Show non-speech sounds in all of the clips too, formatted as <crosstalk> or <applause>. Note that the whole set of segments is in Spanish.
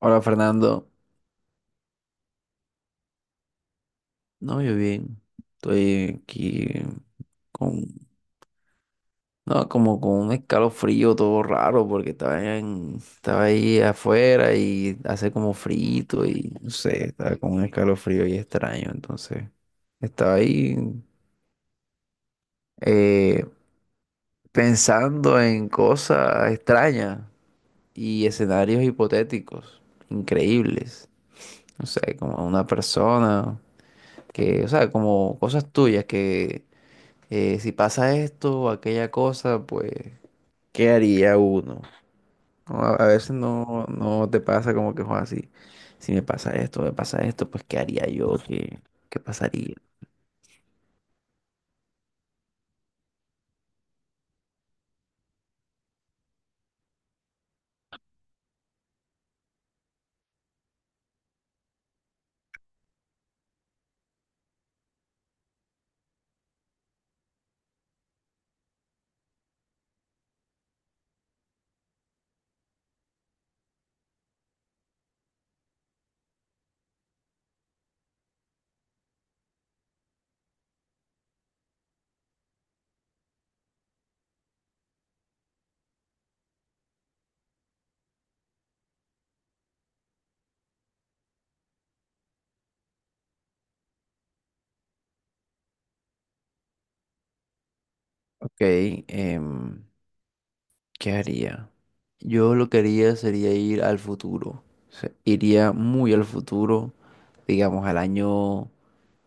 Hola Fernando, no, yo bien, estoy aquí con, no, como con un escalofrío todo raro porque estaba ahí afuera y hace como frito y no sé, estaba con un escalofrío y extraño, entonces estaba ahí eh, pensando en cosas extrañas y escenarios hipotéticos, increíbles, no sé, como una persona que, o sea, como cosas tuyas que si pasa esto o aquella cosa, pues, ¿qué haría uno? No, a veces no te pasa como que, Juan, si, si me pasa esto, me pasa esto, pues, ¿qué haría yo? ¿Qué, qué pasaría? Ok, em, ¿qué haría? Yo lo que haría sería ir al futuro. O sea, iría muy al futuro, digamos, al año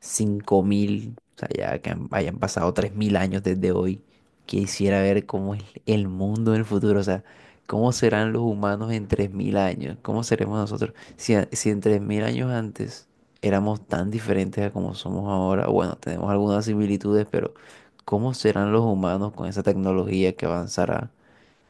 5000, o sea, ya que hayan pasado 3000 años desde hoy, quisiera ver cómo es el mundo en el futuro, o sea, cómo serán los humanos en 3000 años, cómo seremos nosotros. Si, si en 3000 años antes éramos tan diferentes a como somos ahora, bueno, tenemos algunas similitudes, pero ¿cómo serán los humanos con esa tecnología que avanzará?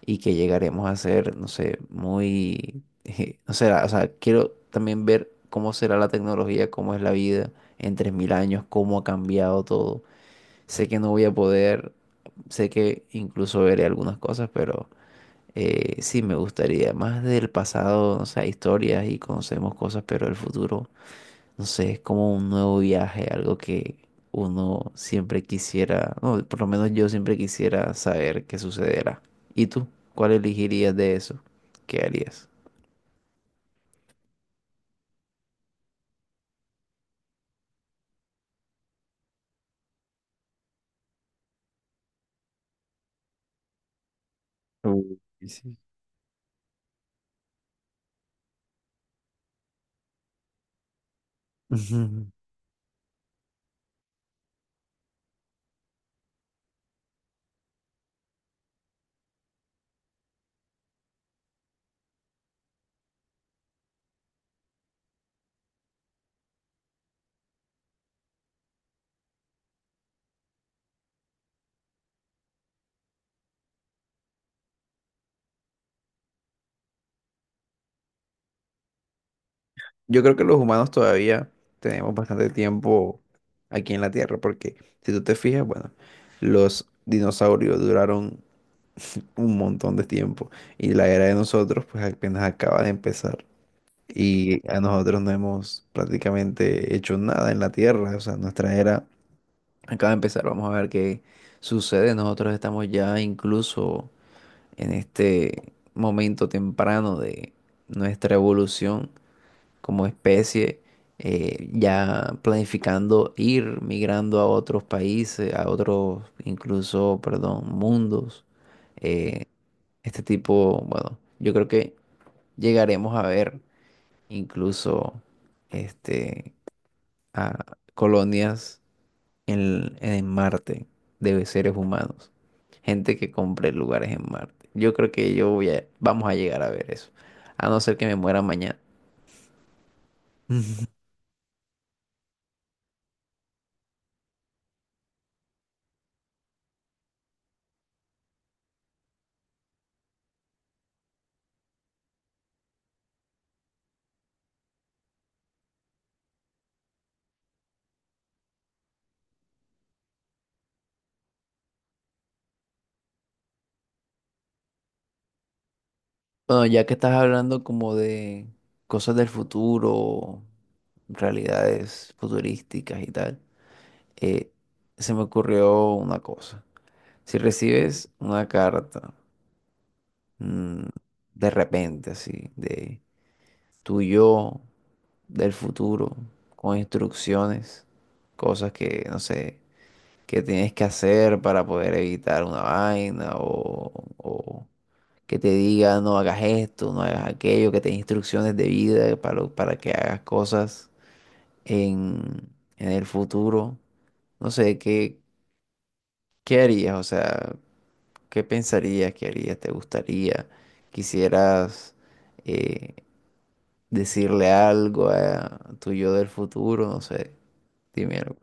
Y que llegaremos a ser, no sé, muy, <laughs> no sé, o sea, quiero también ver cómo será la tecnología, cómo es la vida en 3000 años, cómo ha cambiado todo. Sé que no voy a poder, sé que incluso veré algunas cosas, pero sí me gustaría, más del pasado, o sea, historias y conocemos cosas, pero el futuro no sé, es como un nuevo viaje, algo que uno siempre quisiera, no, por lo menos yo siempre quisiera saber qué sucederá. ¿Y tú? ¿Cuál elegirías de eso? ¿Qué harías? <laughs> Ujú. Yo creo que los humanos todavía tenemos bastante tiempo aquí en la Tierra, porque si tú te fijas, bueno, los dinosaurios duraron <laughs> un montón de tiempo y la era de nosotros pues apenas acaba de empezar. Y a nosotros no hemos prácticamente hecho nada en la Tierra. O sea, nuestra era acaba de empezar. Vamos a ver qué sucede. Nosotros estamos ya incluso en este momento temprano de nuestra evolución como especie, ya planificando ir migrando a otros países, a otros, incluso, perdón, mundos. Eh, este tipo, bueno, yo creo que llegaremos a ver incluso este, a colonias en Marte de seres humanos. Gente que compre lugares en Marte. Yo creo que yo vamos a llegar a ver eso. A no ser que me muera mañana. Bueno, ya que estás hablando como de cosas del futuro, realidades futurísticas y tal, eh, se me ocurrió una cosa. Si recibes una carta, mm, de repente, así, de tu yo del futuro, con instrucciones, cosas que, no sé, que tienes que hacer para poder evitar una vaina o que te diga no hagas esto, no hagas aquello, que te dé instrucciones de vida para que hagas cosas en, en el futuro. No sé, ¿qué, qué harías? O sea, ¿qué pensarías? ¿Qué harías? ¿Te gustaría? ¿Quisieras eh, decirle algo a tu yo del futuro? No sé, dime algo.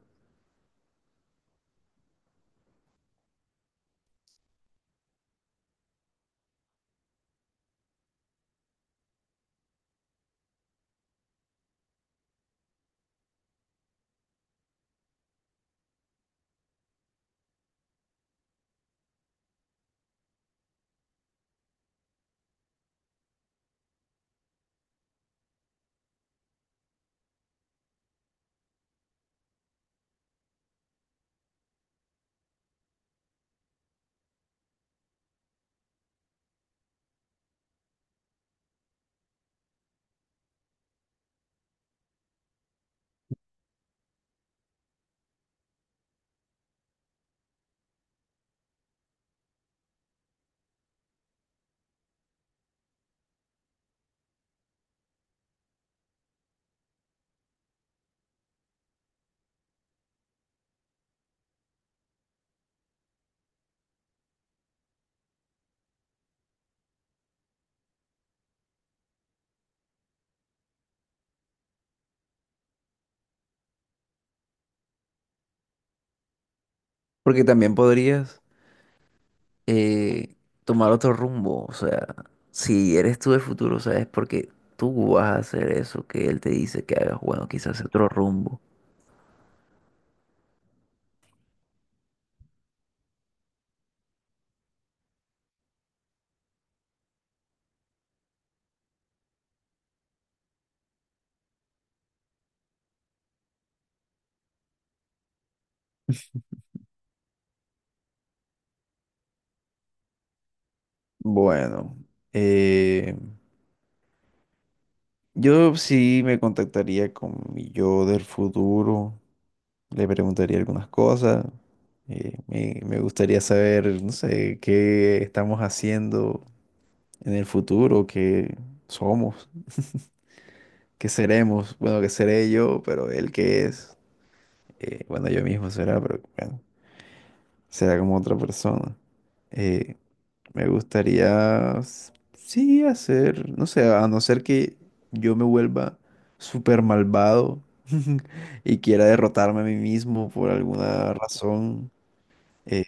Porque también podrías eh, tomar otro rumbo, o sea, si eres tú del futuro, ¿sabes? Porque tú vas a hacer eso que él te dice que hagas, bueno, quizás otro rumbo. Bueno, eh, yo sí me contactaría con mi yo del futuro, le preguntaría algunas cosas, me gustaría saber, no sé, qué estamos haciendo en el futuro, qué somos, qué seremos, bueno, qué seré yo, pero él qué es. Eh, bueno, yo mismo será, pero bueno, será como otra persona. Eh, me gustaría, sí, hacer, no sé, a no ser que yo me vuelva súper malvado <laughs> y quiera derrotarme a mí mismo por alguna razón. Eh,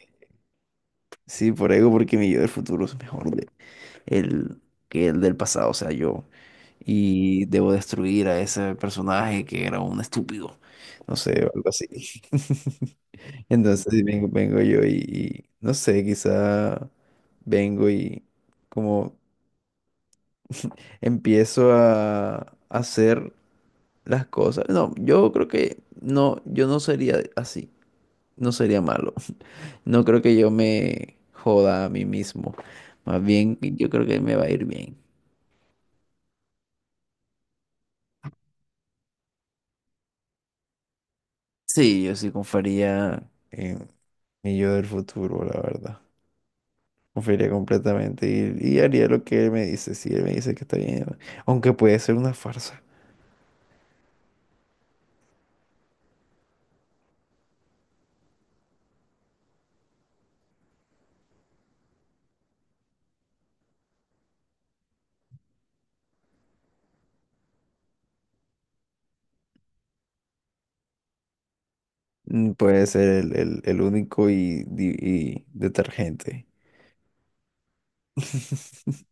sí, por ego, porque mi yo del futuro es mejor el, que el del pasado, o sea, yo. Y debo destruir a ese personaje que era un estúpido. No sé, algo así. <laughs> Entonces sí, vengo yo y, no sé, quizá vengo y como empiezo a hacer las cosas. No, yo creo que no, yo no sería así, no sería malo. <laughs> No creo que yo me joda a mí mismo. Más bien, yo creo que me va a ir bien. Sí, yo sí confiaría en mi yo del futuro, la verdad. Confiaría completamente y haría lo que él me dice. Si él me dice que está bien, aunque puede ser una farsa. Mm, puede ser el único y, y detergente. <laughs>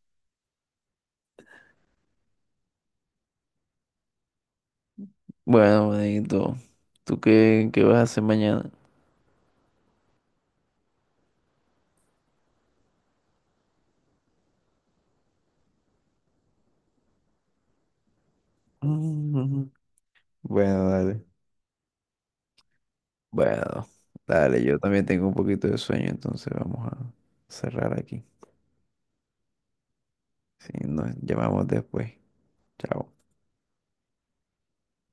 Bueno, manito, ¿tú qué, qué vas a hacer mañana? Mm, <laughs> bueno, dale. Bueno, dale, yo también tengo un poquito de sueño, entonces vamos a cerrar aquí. Si nos llamamos después. Chao.